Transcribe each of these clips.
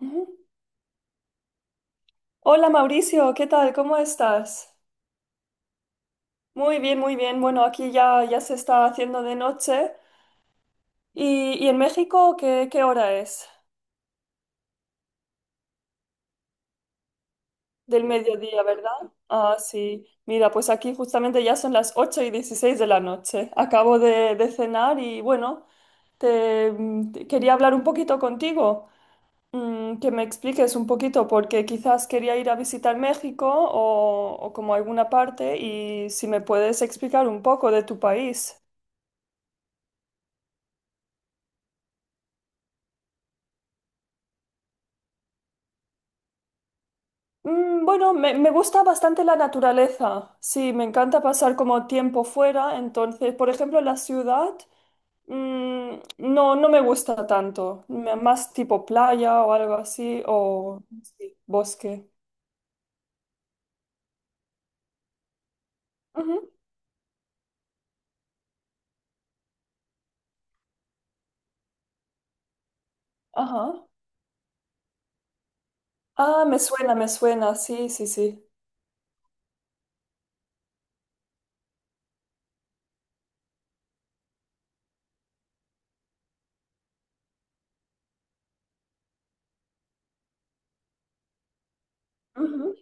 Ujú. Hola Mauricio, ¿qué tal? ¿Cómo estás? Muy bien, muy bien. Bueno, aquí ya se está haciendo de noche. ¿Y en México qué hora es? Del mediodía, ¿verdad? Ah, sí. Mira, pues aquí justamente ya son las 8:16 de la noche. Acabo de cenar y bueno, te quería hablar un poquito contigo, que me expliques un poquito, porque quizás quería ir a visitar México o como alguna parte y si me puedes explicar un poco de tu país. Bueno, me gusta bastante la naturaleza. Sí, me encanta pasar como tiempo fuera. Entonces, por ejemplo, la ciudad, no me gusta tanto. Más tipo playa o algo así, o sí, bosque. Ujú, ajá. Ah, me suena, me suena. Sí, sí, sí. Ujú.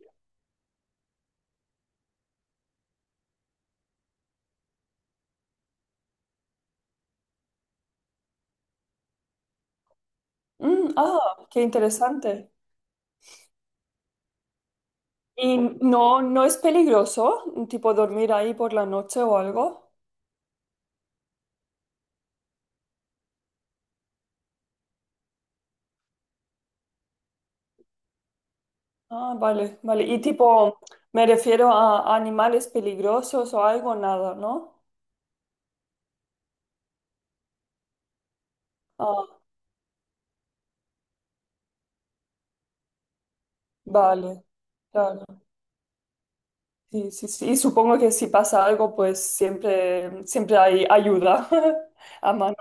Ah, qué interesante. ¿Y no es peligroso, tipo dormir ahí por la noche o algo? Ah, vale, vale. Y tipo, me refiero a animales peligrosos o algo, nada, ¿no? Ah, vale, claro. Sí, sí, sí. Y supongo que si pasa algo, pues siempre, siempre hay ayuda a mano.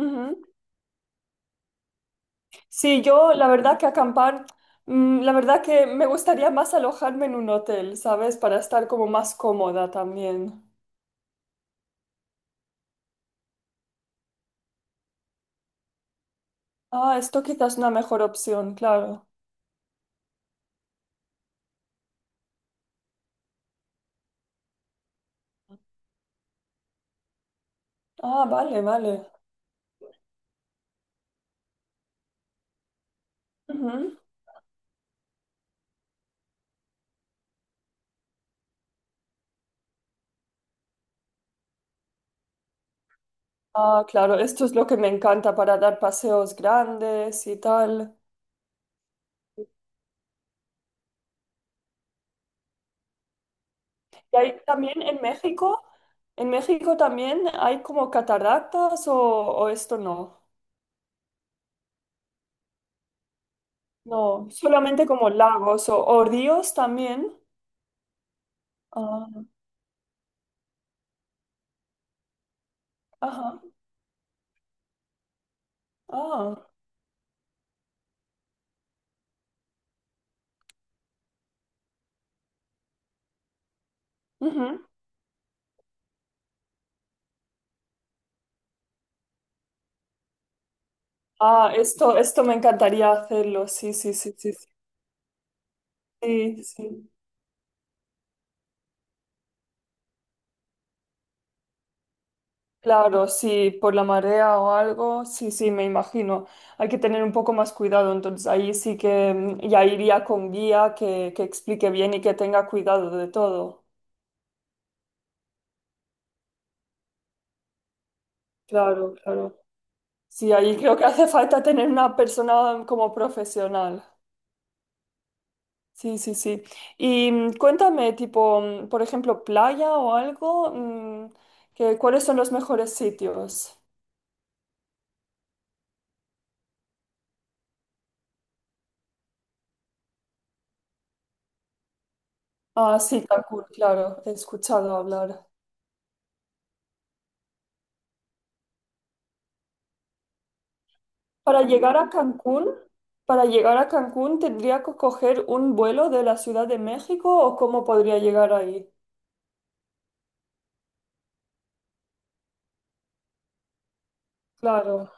Ujú. Sí, yo la verdad que acampar, la verdad que me gustaría más alojarme en un hotel, ¿sabes? Para estar como más cómoda también. Ah, esto quizás es una mejor opción, claro. Ah, vale, vale. Ujú. Ah, claro, esto es lo que me encanta para dar paseos grandes y tal. Y ahí también en México también hay como cataratas o esto no. No, solamente como lagos o ríos también. Ah, ajá. Ah, ujú. Ah, esto me encantaría hacerlo. Sí, sí, sí, sí, sí, sí, sí. Claro, sí, por la marea o algo, sí, sí, me imagino. Hay que tener un poco más cuidado, entonces ahí sí que ya iría con guía que explique bien y que tenga cuidado de todo. Claro, claro. Sí, ahí creo que hace falta tener una persona como profesional. Sí, sí, sí. Y cuéntame, tipo, por ejemplo, playa o algo, que, ¿cuáles son los mejores sitios? Ah, sí, Cancún, claro, he escuchado hablar. Para llegar a Cancún, para llegar a Cancún tendría que coger un vuelo de la Ciudad de México o cómo podría llegar ahí. Claro.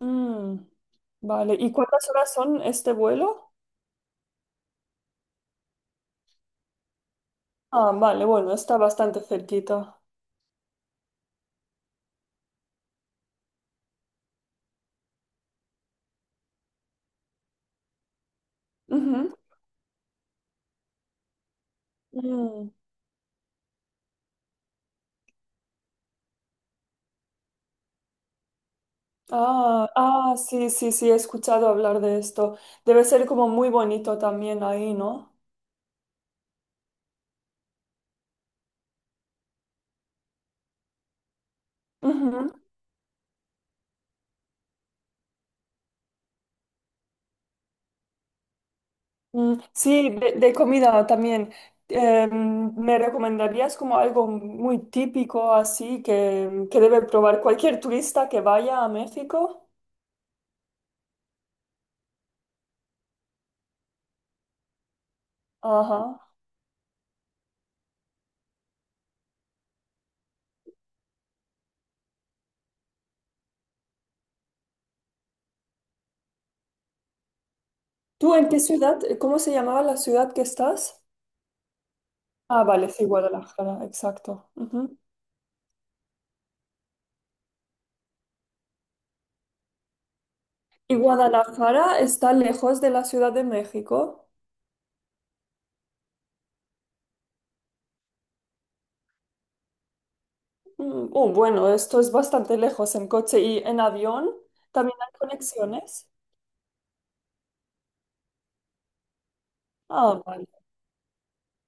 Mm, vale. ¿Y cuántas horas son este vuelo? Ah, vale, bueno, está bastante cerquita. Ujú. Mm. Ah, ah, sí, sí, sí, he escuchado hablar de esto. Debe ser como muy bonito también ahí, ¿no? Ujú. Mm, sí, de comida también. ¿Me recomendarías como algo muy típico así que debe probar cualquier turista que vaya a México? Ajá. ¿Tú en qué ciudad? ¿Cómo se llamaba la ciudad que estás? Ah, vale, sí, Guadalajara, exacto. Ujú. ¿Y Guadalajara está lejos de la Ciudad de México? Oh, bueno, esto es bastante lejos en coche y en avión. ¿También hay conexiones? Ah, vale.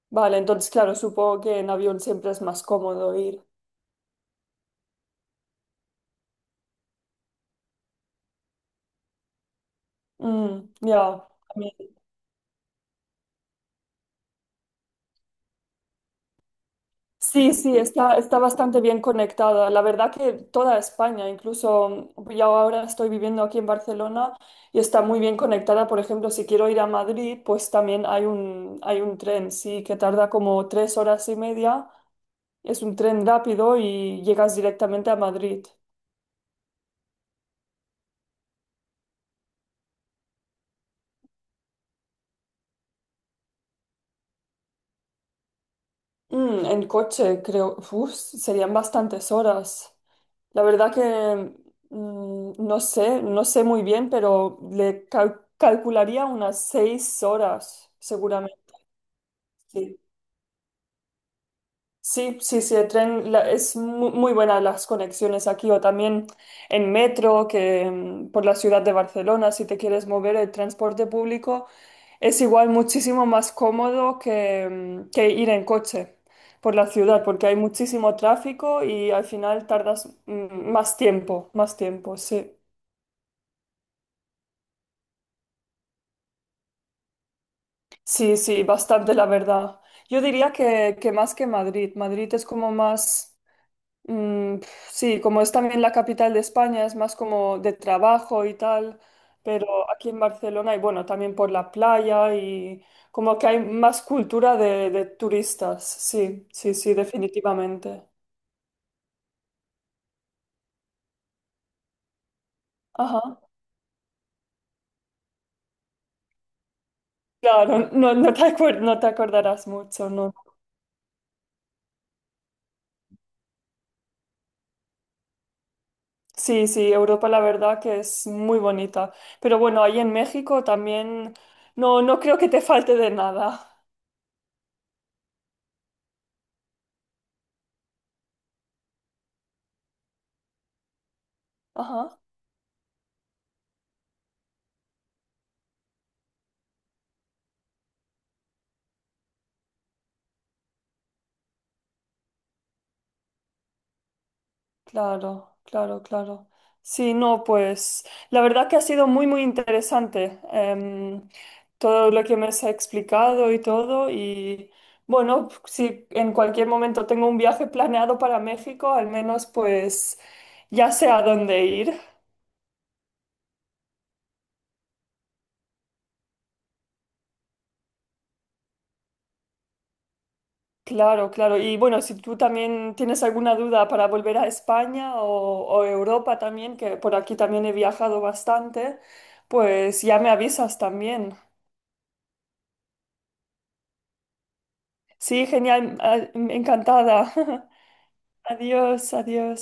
Vale, entonces, claro, supongo que en avión siempre es más cómodo ir. Mm, ya, también. Sí, sí, está bastante bien conectada. La verdad que toda España, incluso yo ahora estoy viviendo aquí en Barcelona y está muy bien conectada. Por ejemplo, si quiero ir a Madrid, pues también hay un tren, sí, que tarda como 3 horas y media. Es un tren rápido y llegas directamente a Madrid. En coche, creo, uf, serían bastantes horas. La verdad que no sé, no sé muy bien, pero le calcularía unas 6 horas, seguramente. Sí, sí, sí, sí, el tren es muy, buena las conexiones aquí o también en metro, que por la ciudad de Barcelona, si te quieres mover, el transporte público es igual muchísimo más cómodo que ir en coche por la ciudad, porque hay muchísimo tráfico y al final tardas más tiempo, sí. Sí, sí, bastante la verdad. Yo diría que más que Madrid. Madrid es como más, sí, como es también la capital de España, es más como de trabajo y tal, pero aquí en Barcelona y bueno, también por la playa y como que hay más cultura de turistas. Sí, sí, sí, definitivamente. Ajá. Claro, no, no te acordarás mucho, ¿no? Sí, sí, Europa la verdad que es muy bonita. Pero bueno, ahí en México también no creo que te falte de nada. Ajá, claro, claro, claro. Sí, no, pues la verdad que ha sido muy, muy interesante todo lo que me has explicado y todo. Y bueno, si en cualquier momento tengo un viaje planeado para México, al menos pues ya sé a dónde ir. Claro, claro. Y bueno, si tú también tienes alguna duda para volver a España o Europa también, que por aquí también he viajado bastante, pues ya me avisas también. Sí, genial, ah, encantada. Adiós, adiós.